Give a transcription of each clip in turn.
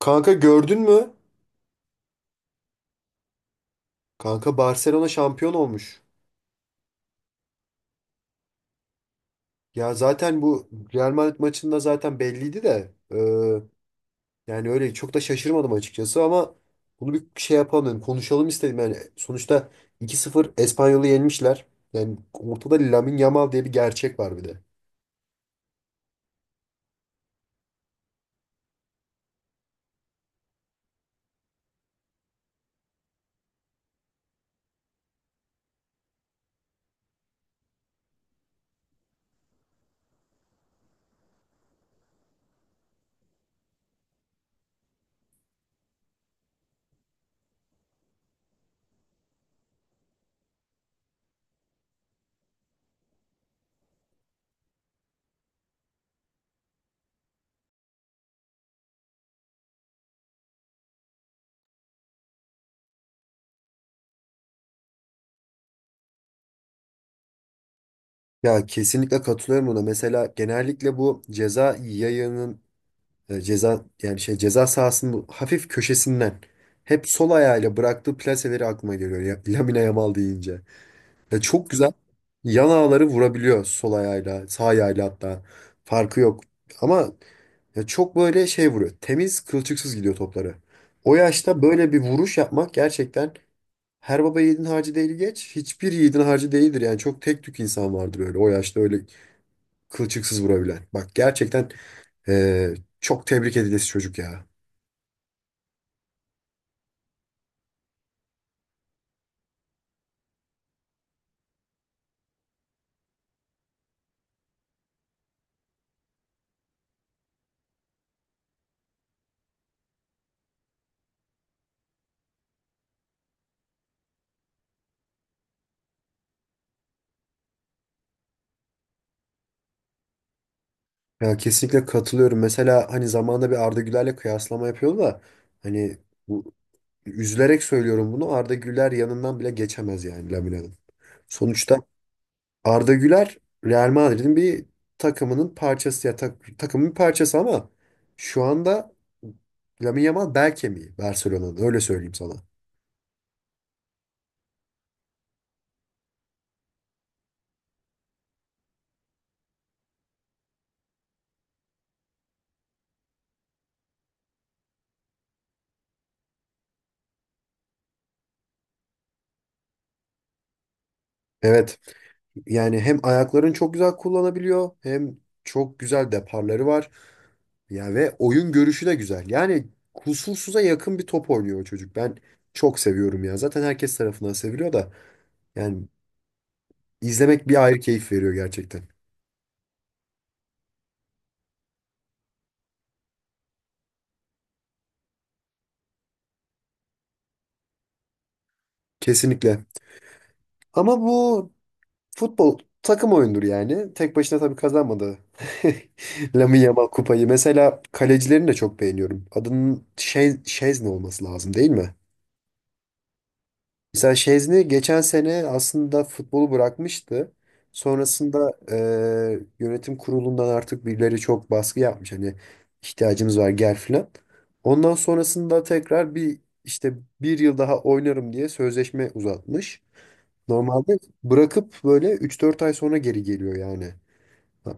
Kanka, gördün mü? Kanka, Barcelona şampiyon olmuş. Ya zaten bu Real Madrid maçında zaten belliydi de. Yani öyle çok da şaşırmadım açıkçası ama bunu bir şey yapalım, dedim. Konuşalım istedim. Yani sonuçta 2-0 Espanyol'u yenmişler. Yani ortada Lamine Yamal diye bir gerçek var bir de. Ya kesinlikle katılıyorum buna. Mesela genellikle bu ceza yayının, e, ceza yani şey ceza sahasının bu hafif köşesinden hep sol ayağıyla bıraktığı plaseleri aklıma geliyor ya, Lamine Yamal deyince. Ya çok güzel. Yan ağları vurabiliyor sol ayağıyla, sağ ayağıyla hatta. Farkı yok. Ama ya çok böyle şey vuruyor. Temiz, kılçıksız gidiyor topları. O yaşta böyle bir vuruş yapmak gerçekten her baba yiğidin harcı değil geç. Hiçbir yiğidin harcı değildir. Yani çok tek tük insan vardır öyle. O yaşta öyle kılçıksız vurabilen. Bak, gerçekten çok tebrik edilesi çocuk ya. Ya kesinlikle katılıyorum. Mesela hani zamanında bir Arda Güler'le kıyaslama yapıyordu da hani bu, üzülerek söylüyorum bunu, Arda Güler yanından bile geçemez yani Lamina'nın. Sonuçta Arda Güler Real Madrid'in bir takımının parçası, ya takımın bir parçası ama şu anda Lamine Yamal bel kemiği Barcelona'nın, öyle söyleyeyim sana. Evet, yani hem ayaklarını çok güzel kullanabiliyor hem çok güzel deparları var. Ya ve oyun görüşü de güzel. Yani kusursuza yakın bir top oynuyor o çocuk. Ben çok seviyorum ya. Zaten herkes tarafından seviliyor da, yani, İzlemek bir ayrı keyif veriyor gerçekten. Kesinlikle. Ama bu futbol takım oyundur yani. Tek başına tabii kazanmadı Lamine Yamal kupayı. Mesela kalecilerini de çok beğeniyorum. Adının şey, Şezne olması lazım, değil mi? Mesela Şezni geçen sene aslında futbolu bırakmıştı. Sonrasında yönetim kurulundan artık birileri çok baskı yapmış. Hani ihtiyacımız var, gel filan. Ondan sonrasında tekrar bir işte bir yıl daha oynarım diye sözleşme uzatmış. Normalde bırakıp böyle üç dört ay sonra geri geliyor yani. Ha,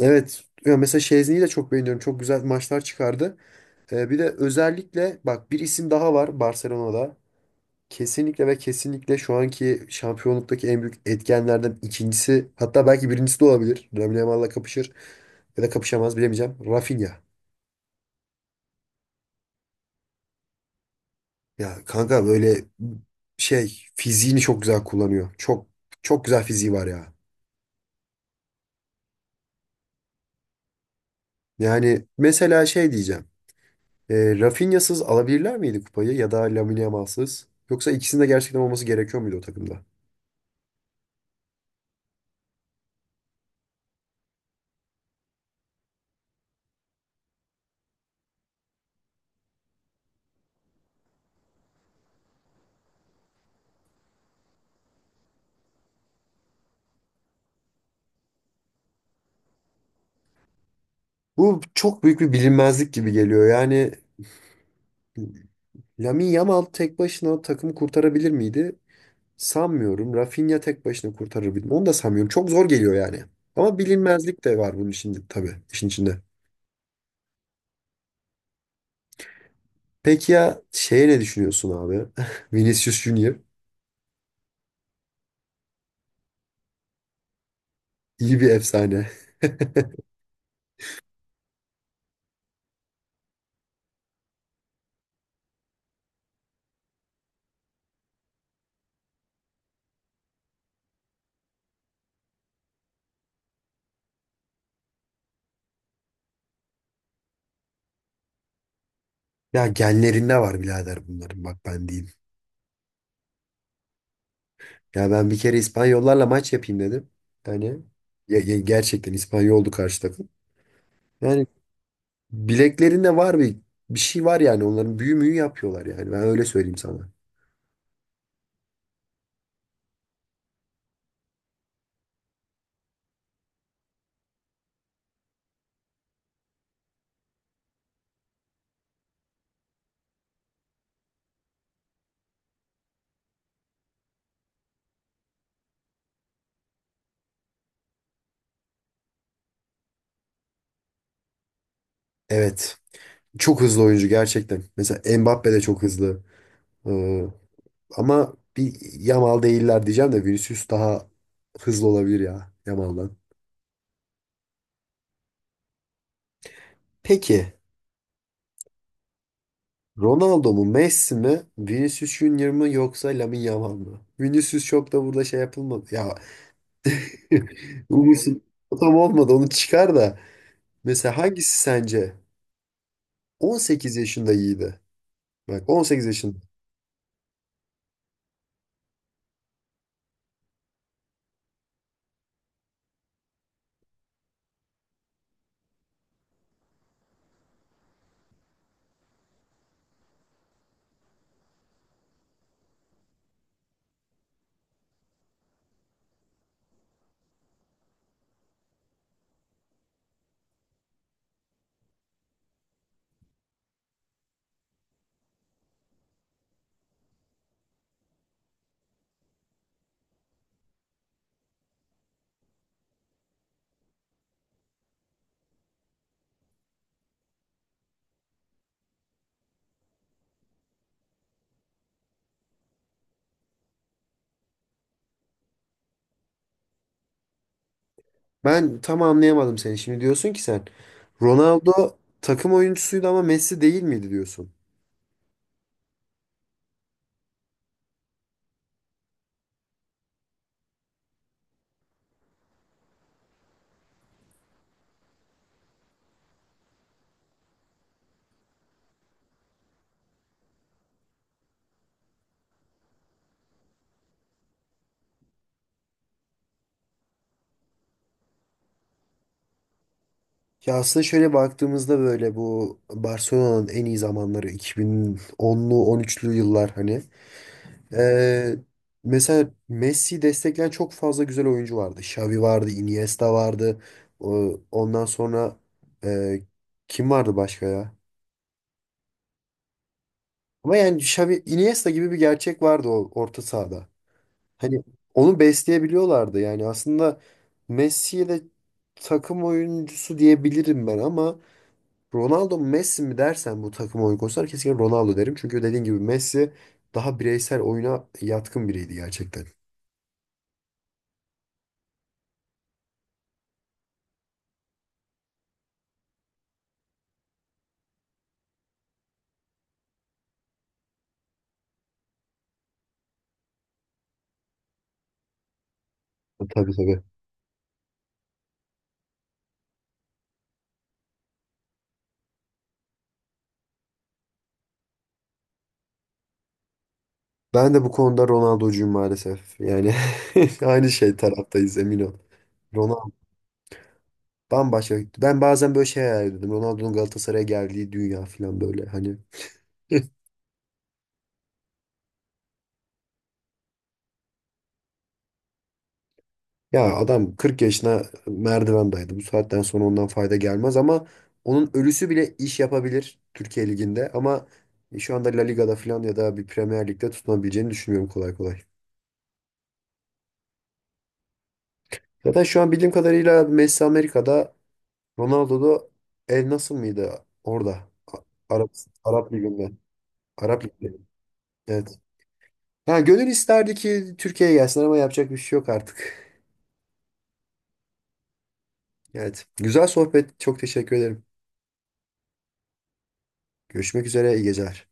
evet. Ya mesela Şezni'yi de çok beğeniyorum. Çok güzel maçlar çıkardı. Bir de özellikle bak, bir isim daha var Barcelona'da. Kesinlikle ve kesinlikle şu anki şampiyonluktaki en büyük etkenlerden ikincisi, hatta belki birincisi de olabilir. Lamine Yamal'la kapışır ya da kapışamaz bilemeyeceğim. Rafinha. Ya kanka, böyle şey, fiziğini çok güzel kullanıyor. Çok çok güzel fiziği var ya. Yani mesela şey diyeceğim. Rafinha'sız alabilirler miydi kupayı ya da Lamine Yamal'sız? Yoksa ikisinin de gerçekten olması gerekiyor muydu o takımda? Bu çok büyük bir bilinmezlik gibi geliyor. Yani Lamine Yamal tek başına takımı kurtarabilir miydi? Sanmıyorum. Rafinha tek başına kurtarır bilmem. Onu da sanmıyorum. Çok zor geliyor yani. Ama bilinmezlik de var bunun içinde tabii, işin içinde. Peki ya şeye ne düşünüyorsun abi? Vinicius Junior. İyi bir efsane. Ya genlerinde var birader bunların, bak ben diyeyim. Ya ben bir kere İspanyollarla maç yapayım dedim. Yani ya gerçekten İspanyoldu karşı takım. Yani bileklerinde var bir, bir şey var yani, onların büyü müyü yapıyorlar yani, ben öyle söyleyeyim sana. Evet. Çok hızlı oyuncu gerçekten. Mesela Mbappe de çok hızlı. Ee, Ama bir, Yamal değiller diyeceğim de Vinicius daha hızlı olabilir ya Yamal'dan. Peki, Ronaldo mu Messi mi Vinicius Junior mı yoksa Lamine Yamal mı? Vinicius çok da burada şey yapılmadı. Ya Umut'un tam olmadı, onu çıkar da. Mesela hangisi sence? 18 yaşında iyiydi. Bak, 18 yaşında. Ben tam anlayamadım seni. Şimdi diyorsun ki sen Ronaldo takım oyuncusuydu ama Messi değil miydi diyorsun. Ya aslında şöyle baktığımızda böyle, bu Barcelona'nın en iyi zamanları 2010'lu 13'lü yıllar hani. Ee, Mesela Messi'yi destekleyen çok fazla güzel oyuncu vardı. Xavi vardı, Iniesta vardı. Ondan sonra e, kim vardı başka ya? Ama yani Xavi, Iniesta gibi bir gerçek vardı o orta sahada. Hani onu besleyebiliyorlardı yani, aslında Messi'ye de takım oyuncusu diyebilirim ben ama Ronaldo mu Messi mi dersen bu takım oyun konusunda kesinlikle Ronaldo derim. Çünkü dediğin gibi Messi daha bireysel oyuna yatkın biriydi gerçekten. Tabii, tabii. Ben de bu konuda Ronaldo'cuyum maalesef. Yani aynı şey taraftayız, emin ol. Ronaldo bambaşka. Ben bazen böyle şey hayal ediyordum. Ronaldo'nun Galatasaray'a geldiği dünya falan, böyle hani. Ya adam 40 yaşına merdiven merdivendaydı. Bu saatten sonra ondan fayda gelmez ama onun ölüsü bile iş yapabilir Türkiye Ligi'nde ama şu anda La Liga'da falan ya da bir Premier Lig'de tutunabileceğini düşünmüyorum kolay kolay. Zaten şu an bildiğim kadarıyla Messi Amerika'da, Ronaldo da El nasıl mıydı orada? Arap Arap Ligi'nde. Arap Ligi'nde. Evet. Ha, gönül isterdi ki Türkiye'ye gelsinler ama yapacak bir şey yok artık. Evet. Güzel sohbet. Çok teşekkür ederim. Görüşmek üzere. İyi geceler.